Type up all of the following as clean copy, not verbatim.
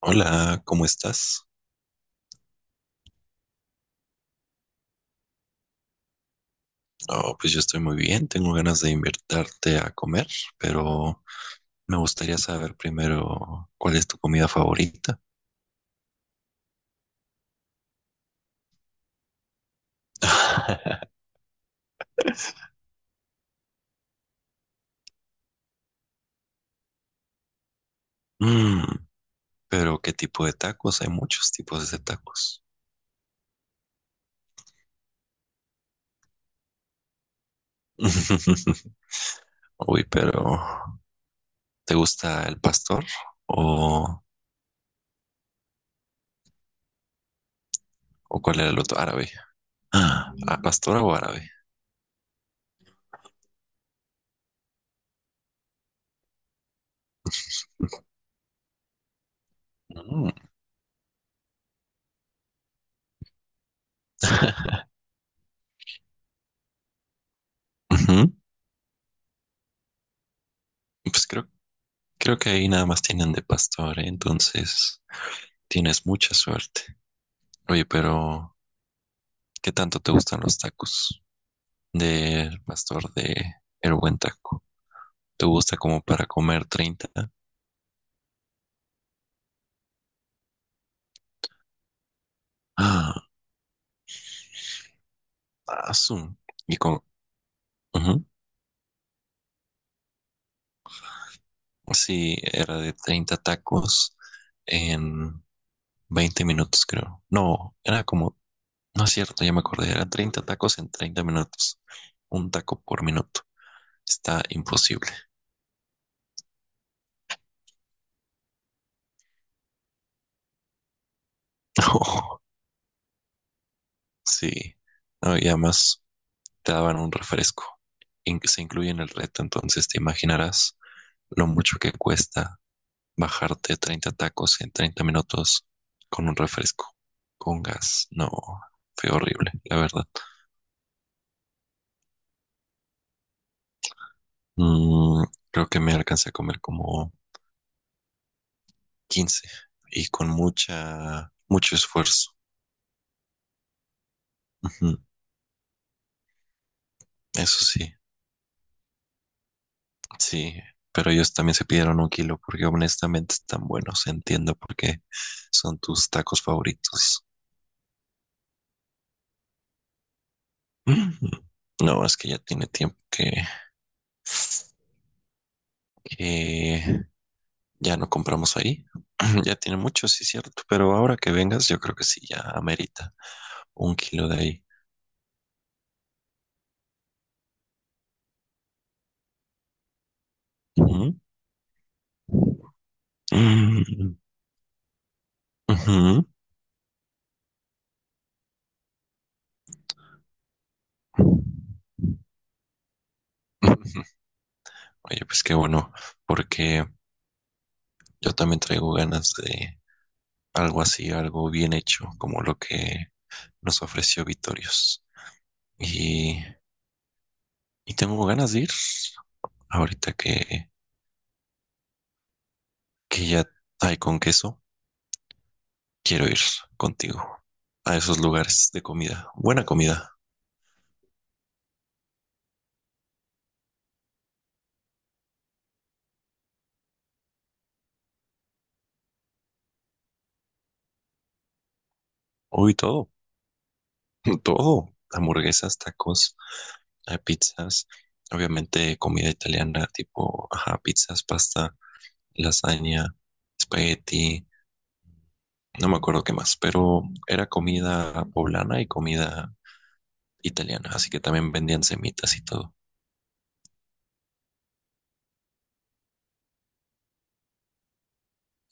Hola, ¿cómo estás? Oh, pues yo estoy muy bien, tengo ganas de invitarte a comer, pero me gustaría saber primero cuál es tu comida favorita. Mm, pero ¿qué tipo de tacos? Hay muchos tipos de tacos. Uy, pero ¿te gusta el pastor o, o cuál era el otro árabe? Ah, ¿a ¿pastora o árabe? Mm. Ujú. Pues creo que ahí nada más tienen de pastor, ¿eh? Entonces tienes mucha suerte. Oye, pero ¿qué tanto te gustan los tacos? Del pastor de El Buen Taco. ¿Te gusta como para comer 30? Ah, azul. Y con... ujú. Sí, era de 30 tacos en 20 minutos, creo. No, era como... No es cierto, ya me acordé. Eran 30 tacos en 30 minutos. Un taco por minuto. Está imposible. Oh, sí. No, y además te daban un refresco. Se incluye en el reto, entonces te imaginarás lo mucho que cuesta bajarte 30 tacos en 30 minutos con un refresco, con gas. No, fue horrible, la verdad. Mm, creo que me alcancé a comer como 15 y con mucha, mucho esfuerzo. Ujú. Eso sí, sí. Pero ellos también se pidieron un kilo porque honestamente están buenos. Entiendo por qué son tus tacos favoritos. Ujú. No, es que ya tiene tiempo que ya no compramos ahí. Ya tiene mucho, sí, cierto. Pero ahora que vengas, yo creo que sí, ya amerita un kilo de ahí. Ujú. Mm, ujú. Ujú. Oye, pues qué bueno, porque yo también traigo ganas de algo así, algo bien hecho, como lo que nos ofreció Vitorios. Y, y tengo ganas de ir. Ahorita que ya hay con queso, quiero ir contigo a esos lugares de comida. Buena comida. Hoy todo. Todo, hamburguesas, tacos, pizzas, obviamente comida italiana, tipo, ajá, pizzas, pasta, lasaña, espagueti, no me acuerdo qué más, pero era comida poblana y comida italiana, así que también vendían semitas y todo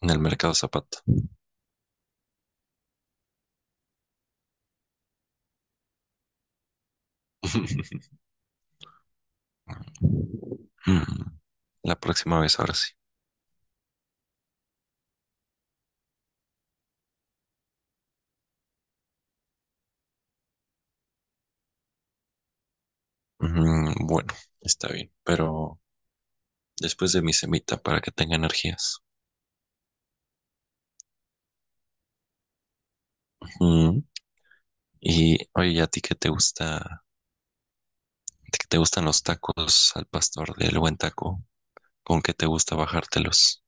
en el mercado Zapato. Mm. La próxima vez, ahora sí. Mm. Bueno, está bien, pero después de mi semita para que tenga energías. Mm. Y oye, ¿y ¿a ti qué te gusta ¿Te te gustan los tacos al pastor del buen taco? ¿Con qué te gusta bajártelos?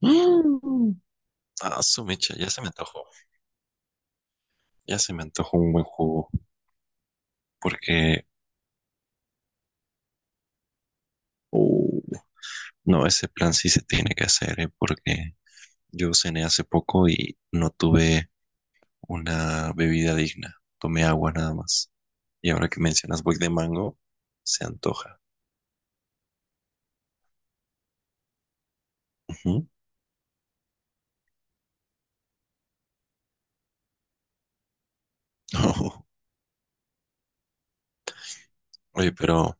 Mm. Ah, su mecha, ya se me antojó. Ya se me antojó un buen jugo. Porque, uh, no, ese plan sí se tiene que hacer, ¿eh? Porque yo cené hace poco y no tuve una bebida digna. Tomé agua nada más. Y ahora que mencionas boy de mango, se antoja. Ujú. Oye, pero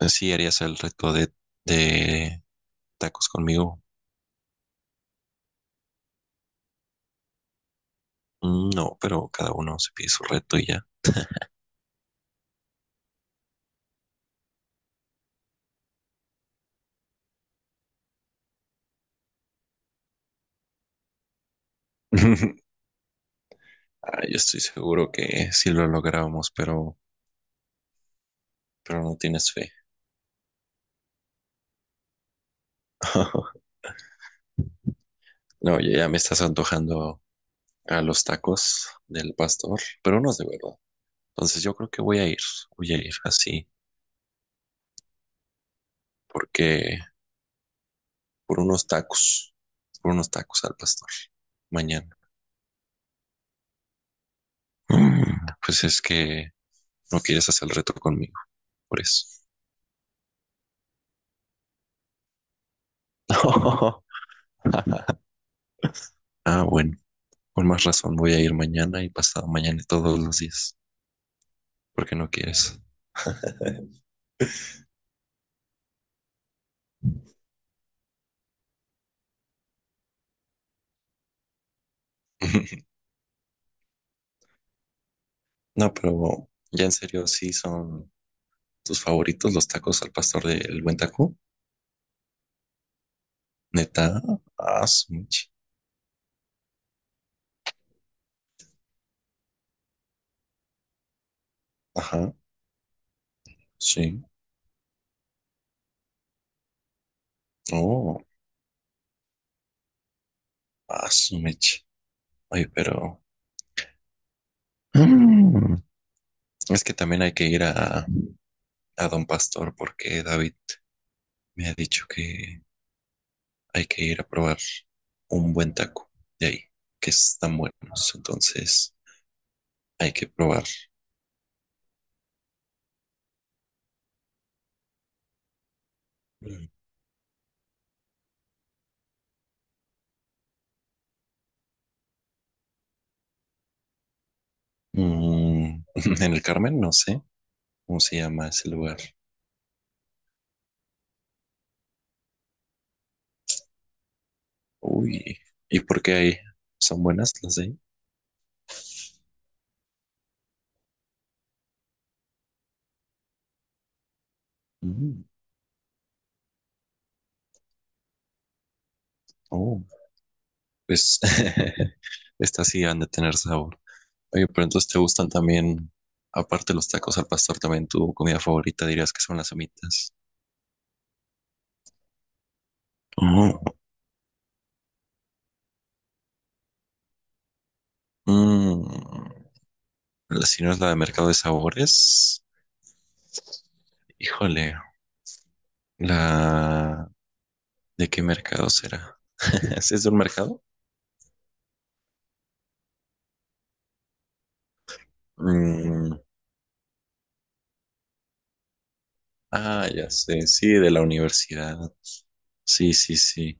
sí harías el reto de tacos conmigo. Mm. No, pero cada uno se pide su reto y ya. Ah, yo estoy seguro que sí lo logramos, pero no tienes fe. No, ya me estás antojando a los tacos del pastor, pero unos de verdad. Entonces yo creo que voy a ir así, porque por unos tacos, por unos tacos al pastor, mañana. Mm. Pues es que no quieres hacer el reto conmigo, por eso. Ah, bueno. Con más razón voy a ir mañana y pasado mañana y todos los días, porque no quieres. No, pero ya en serio, sí son tus favoritos los tacos al pastor del Buen Taco. Neta, ah, su meche. Ajá, sí. Oh, ah, su meche. Oye, pero mm, es que también hay que ir a Don Pastor porque David me ha dicho que hay que ir a probar un buen taco de ahí, que están buenos. Entonces hay que probar. Mm. En el Carmen, no sé cómo se llama ese lugar. Uy, ¿y por qué ahí? ¿Son buenas las de ahí? Mm, oh, pues estas sí han de tener sabor. Oye, pero entonces te gustan también, aparte de los tacos al pastor, también tu comida favorita dirías que son las humitas. Oh, mm, si no es la de mercado de sabores, híjole, la ¿de qué mercado será? ¿Es de un mercado? Mm. Ah, ya sé, sí, de la universidad. Sí, sí, sí.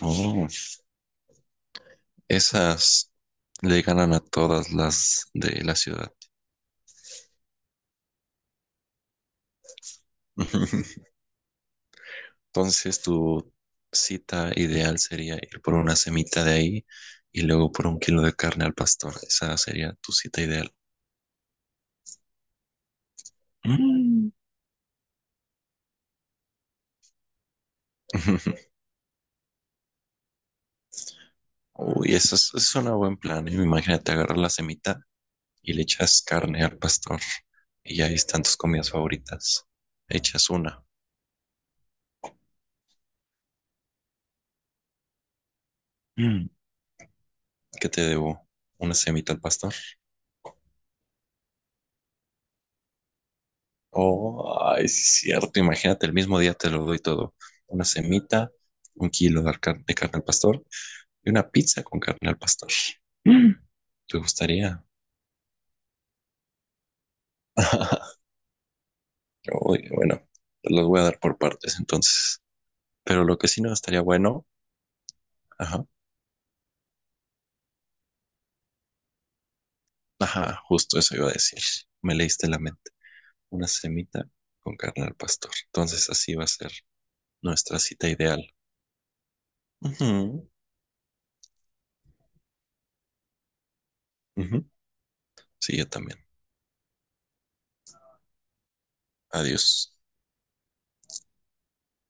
Oh, esas le ganan a todas las de la ciudad. Entonces, tu cita ideal sería ir por una semita de ahí y luego por un kilo de carne al pastor. Esa sería tu cita ideal. Mm. Uy, eso es un buen plan. ¿Eh? Imagínate agarrar la semita y le echas carne al pastor. Y ahí están tus comidas favoritas. Echas una. Mm. Que te debo una semita al pastor. Oh, ay, sí es cierto, imagínate, el mismo día te lo doy todo. Una semita, un kilo de carne al pastor y una pizza con carne al pastor. Mm. ¿Te gustaría? Uy, bueno, te los voy a dar por partes entonces. Pero lo que sí no estaría bueno, ajá, ajá, justo eso iba a decir. Me leíste la mente. Una semita con carne al pastor. Entonces así va a ser nuestra cita ideal. Ujú, ujú. Sí, yo también. Adiós.